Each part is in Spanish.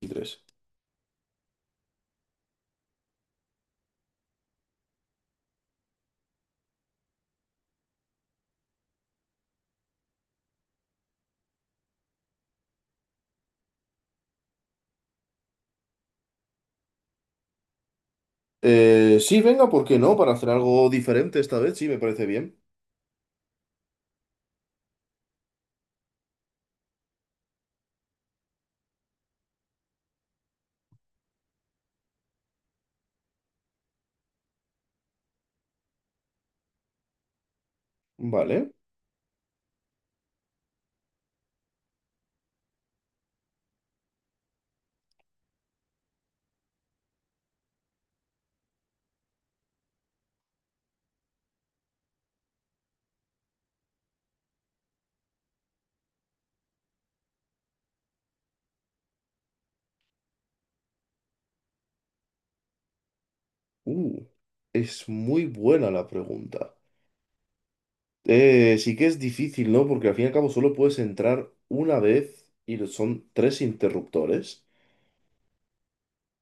23. Sí, venga, ¿por qué no? Para hacer algo diferente esta vez, sí, me parece bien. Vale. Uh, es muy buena la pregunta. Sí que es difícil, ¿no? Porque al fin y al cabo solo puedes entrar una vez y son tres interruptores.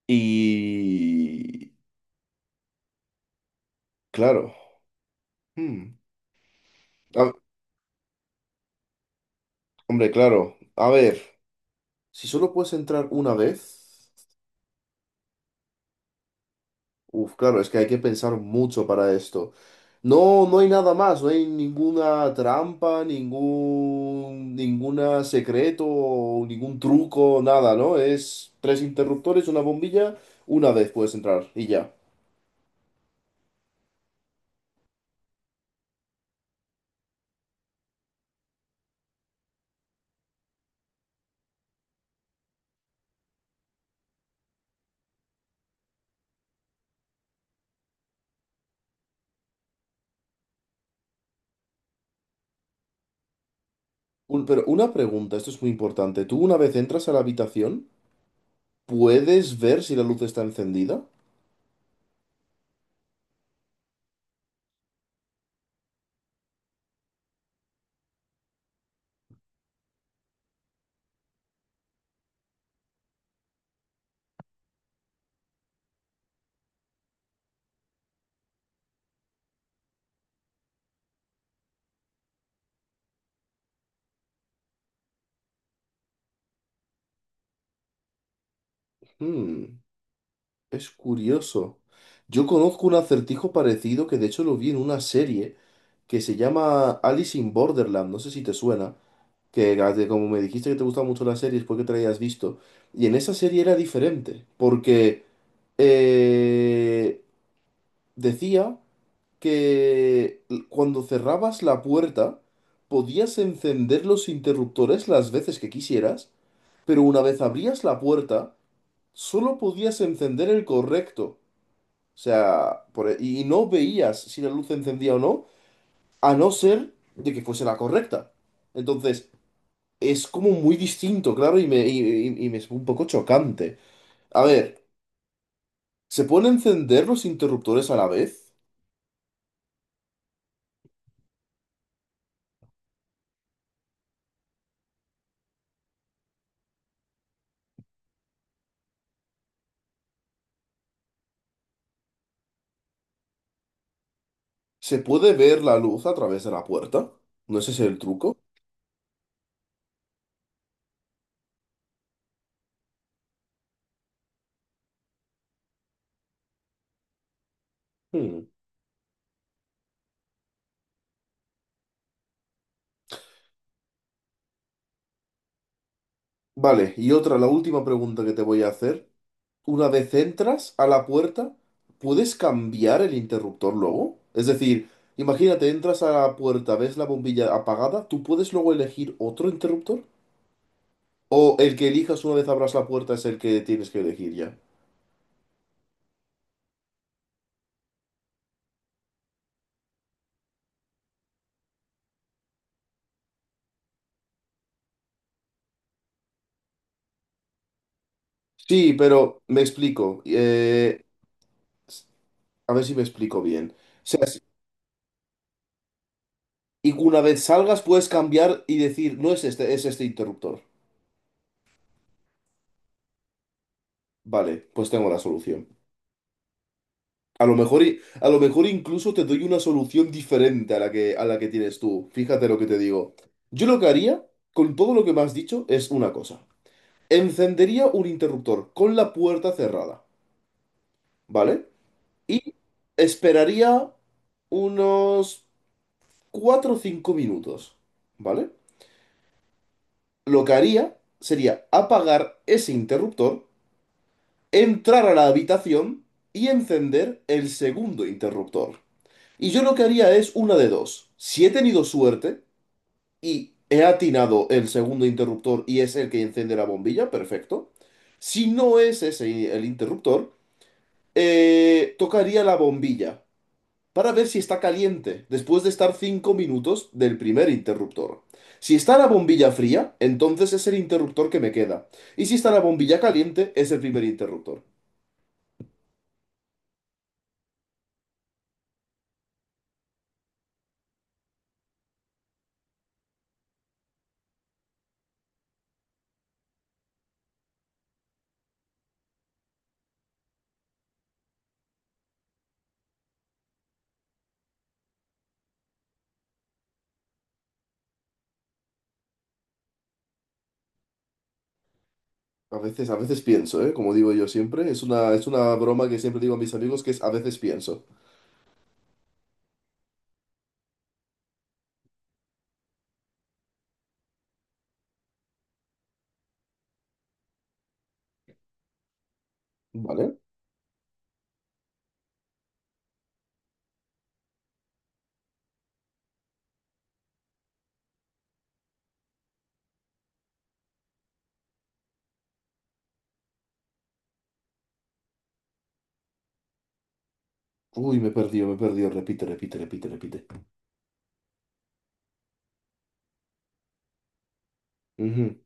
Y... Claro. Hmm. A- Hombre, claro. A ver, si solo puedes entrar una vez... Uf, claro, es que hay que pensar mucho para esto. No, no hay nada más, no hay ninguna trampa, ninguna secreto, ningún truco, nada, ¿no? Es tres interruptores, una bombilla, una vez puedes entrar y ya. Pero una pregunta, esto es muy importante. ¿Tú una vez entras a la habitación, puedes ver si la luz está encendida? Hmm. Es curioso. Yo conozco un acertijo parecido que de hecho lo vi en una serie que se llama Alice in Borderland, no sé si te suena, que como me dijiste que te gustan mucho las series porque te la hayas visto, y en esa serie era diferente, porque eh, decía que cuando cerrabas la puerta podías encender los interruptores las veces que quisieras, pero una vez abrías la puerta solo podías encender el correcto. O sea, y no veías si la luz se encendía o no, a no ser de que fuese la correcta. Entonces, es como muy distinto, claro, y me es un poco chocante. A ver, ¿se pueden encender los interruptores a la vez? ¿Se puede ver la luz a través de la puerta? ¿No es ese el truco? Hmm. Vale, y otra, la última pregunta que te voy a hacer. Una vez entras a la puerta, ¿puedes cambiar el interruptor luego? Es decir, imagínate, entras a la puerta, ves la bombilla apagada, ¿tú puedes luego elegir otro interruptor? ¿O el que elijas una vez abras la puerta es el que tienes que elegir ya? Sí, pero me explico. A ver si me explico bien. O sea, y una vez salgas puedes cambiar y decir, no es este, es este interruptor. Vale, pues tengo la solución. A lo mejor, a lo mejor incluso te doy una solución diferente a la que tienes tú. Fíjate lo que te digo. Yo lo que haría, con todo lo que me has dicho, es una cosa. Encendería un interruptor con la puerta cerrada, ¿vale? Y esperaría unos 4 o 5 minutos, ¿vale? Lo que haría sería apagar ese interruptor, entrar a la habitación y encender el segundo interruptor. Y yo lo que haría es una de dos. Si he tenido suerte y he atinado el segundo interruptor y es el que enciende la bombilla, perfecto. Si no es ese el interruptor, tocaría la bombilla para ver si está caliente después de estar 5 minutos del primer interruptor. Si está la bombilla fría, entonces es el interruptor que me queda. Y si está la bombilla caliente, es el primer interruptor. A veces pienso, ¿eh? Como digo yo siempre, es una broma que siempre digo a mis amigos que es a veces pienso. ¿Vale? Uy, me perdió, me perdió. Repite, repite, repite, repite. Ujú,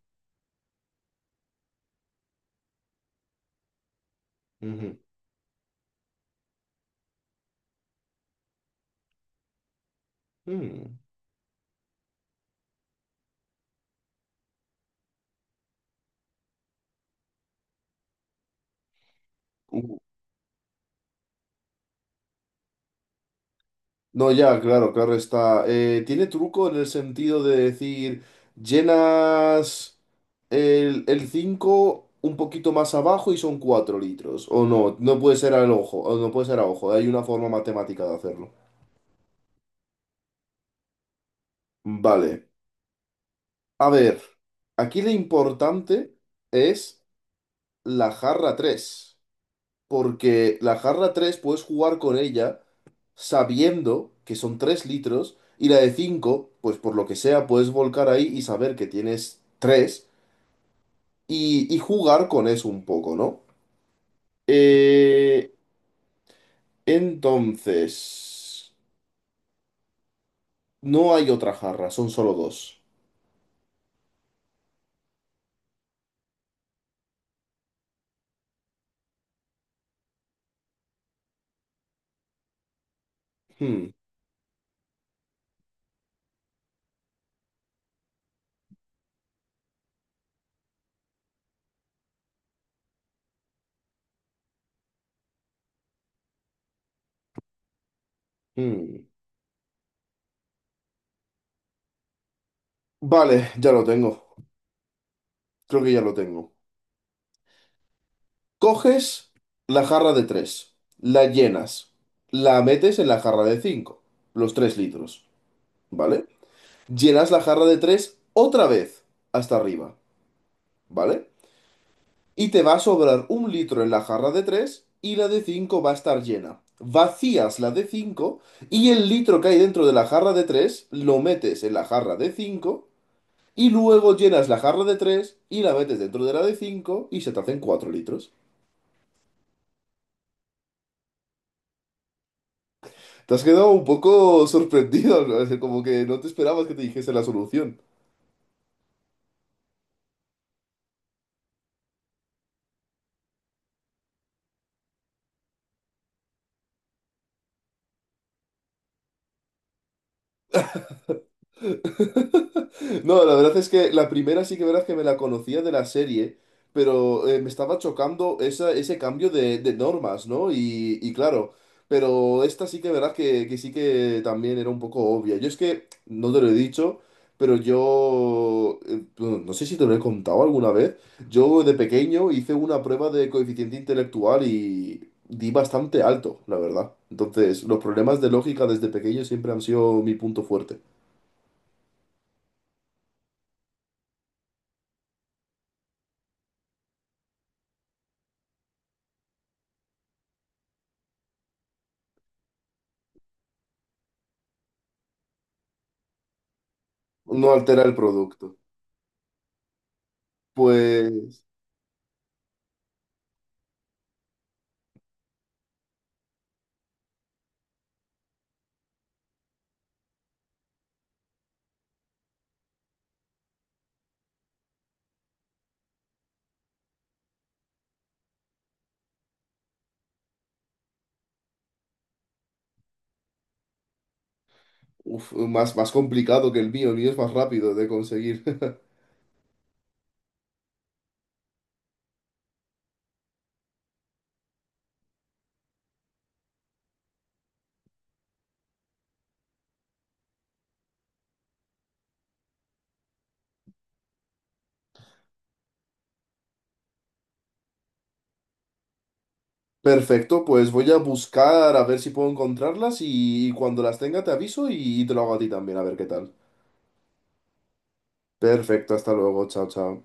ujú, mm. Uh, No, ya, claro, claro está. Tiene truco en el sentido de decir, llenas el 5 un poquito más abajo y son 4 litros. O no, no puede ser al ojo, o no puede ser a ojo. Hay una forma matemática de hacerlo. Vale. A ver, aquí lo importante es la jarra tres. Porque la jarra 3 puedes jugar con ella sabiendo que son 3 litros y la de 5 pues por lo que sea, puedes volcar ahí y saber que tienes 3 y jugar con eso un poco, ¿no? Eh, entonces, no hay otra jarra, son solo dos. Hmm, hmm. Vale, ya lo tengo. Creo que ya lo tengo. Coges la jarra de tres, la llenas, la metes en la jarra de 5 los 3 litros, ¿vale? Llenas la jarra de 3 otra vez hasta arriba, ¿vale? Y te va a sobrar un litro en la jarra de 3 y la de 5 va a estar llena. Vacías la de 5 y el litro que hay dentro de la jarra de 3 lo metes en la jarra de 5 y luego llenas la jarra de 3 y la metes dentro de la de 5 y se te hacen 4 litros. Te has quedado un poco sorprendido, ¿no? Como que no te esperabas que te dijese la solución. No, la verdad es que la primera sí que verdad que me la conocía de la serie, pero me estaba chocando esa, ese cambio de normas, ¿no? Y claro, pero esta sí que verdad que sí que también era un poco obvia. Yo es que, no te lo he dicho, pero yo, bueno, no sé si te lo he contado alguna vez, yo de pequeño hice una prueba de coeficiente intelectual y di bastante alto, la verdad. Entonces, los problemas de lógica desde pequeño siempre han sido mi punto fuerte. No altera el producto. Pues uf, más, más complicado que el mío es más rápido de conseguir. Perfecto, pues voy a buscar a ver si puedo encontrarlas y, cuando las tenga te aviso y te lo hago a ti también, a ver qué tal. Perfecto, hasta luego, chao, chao.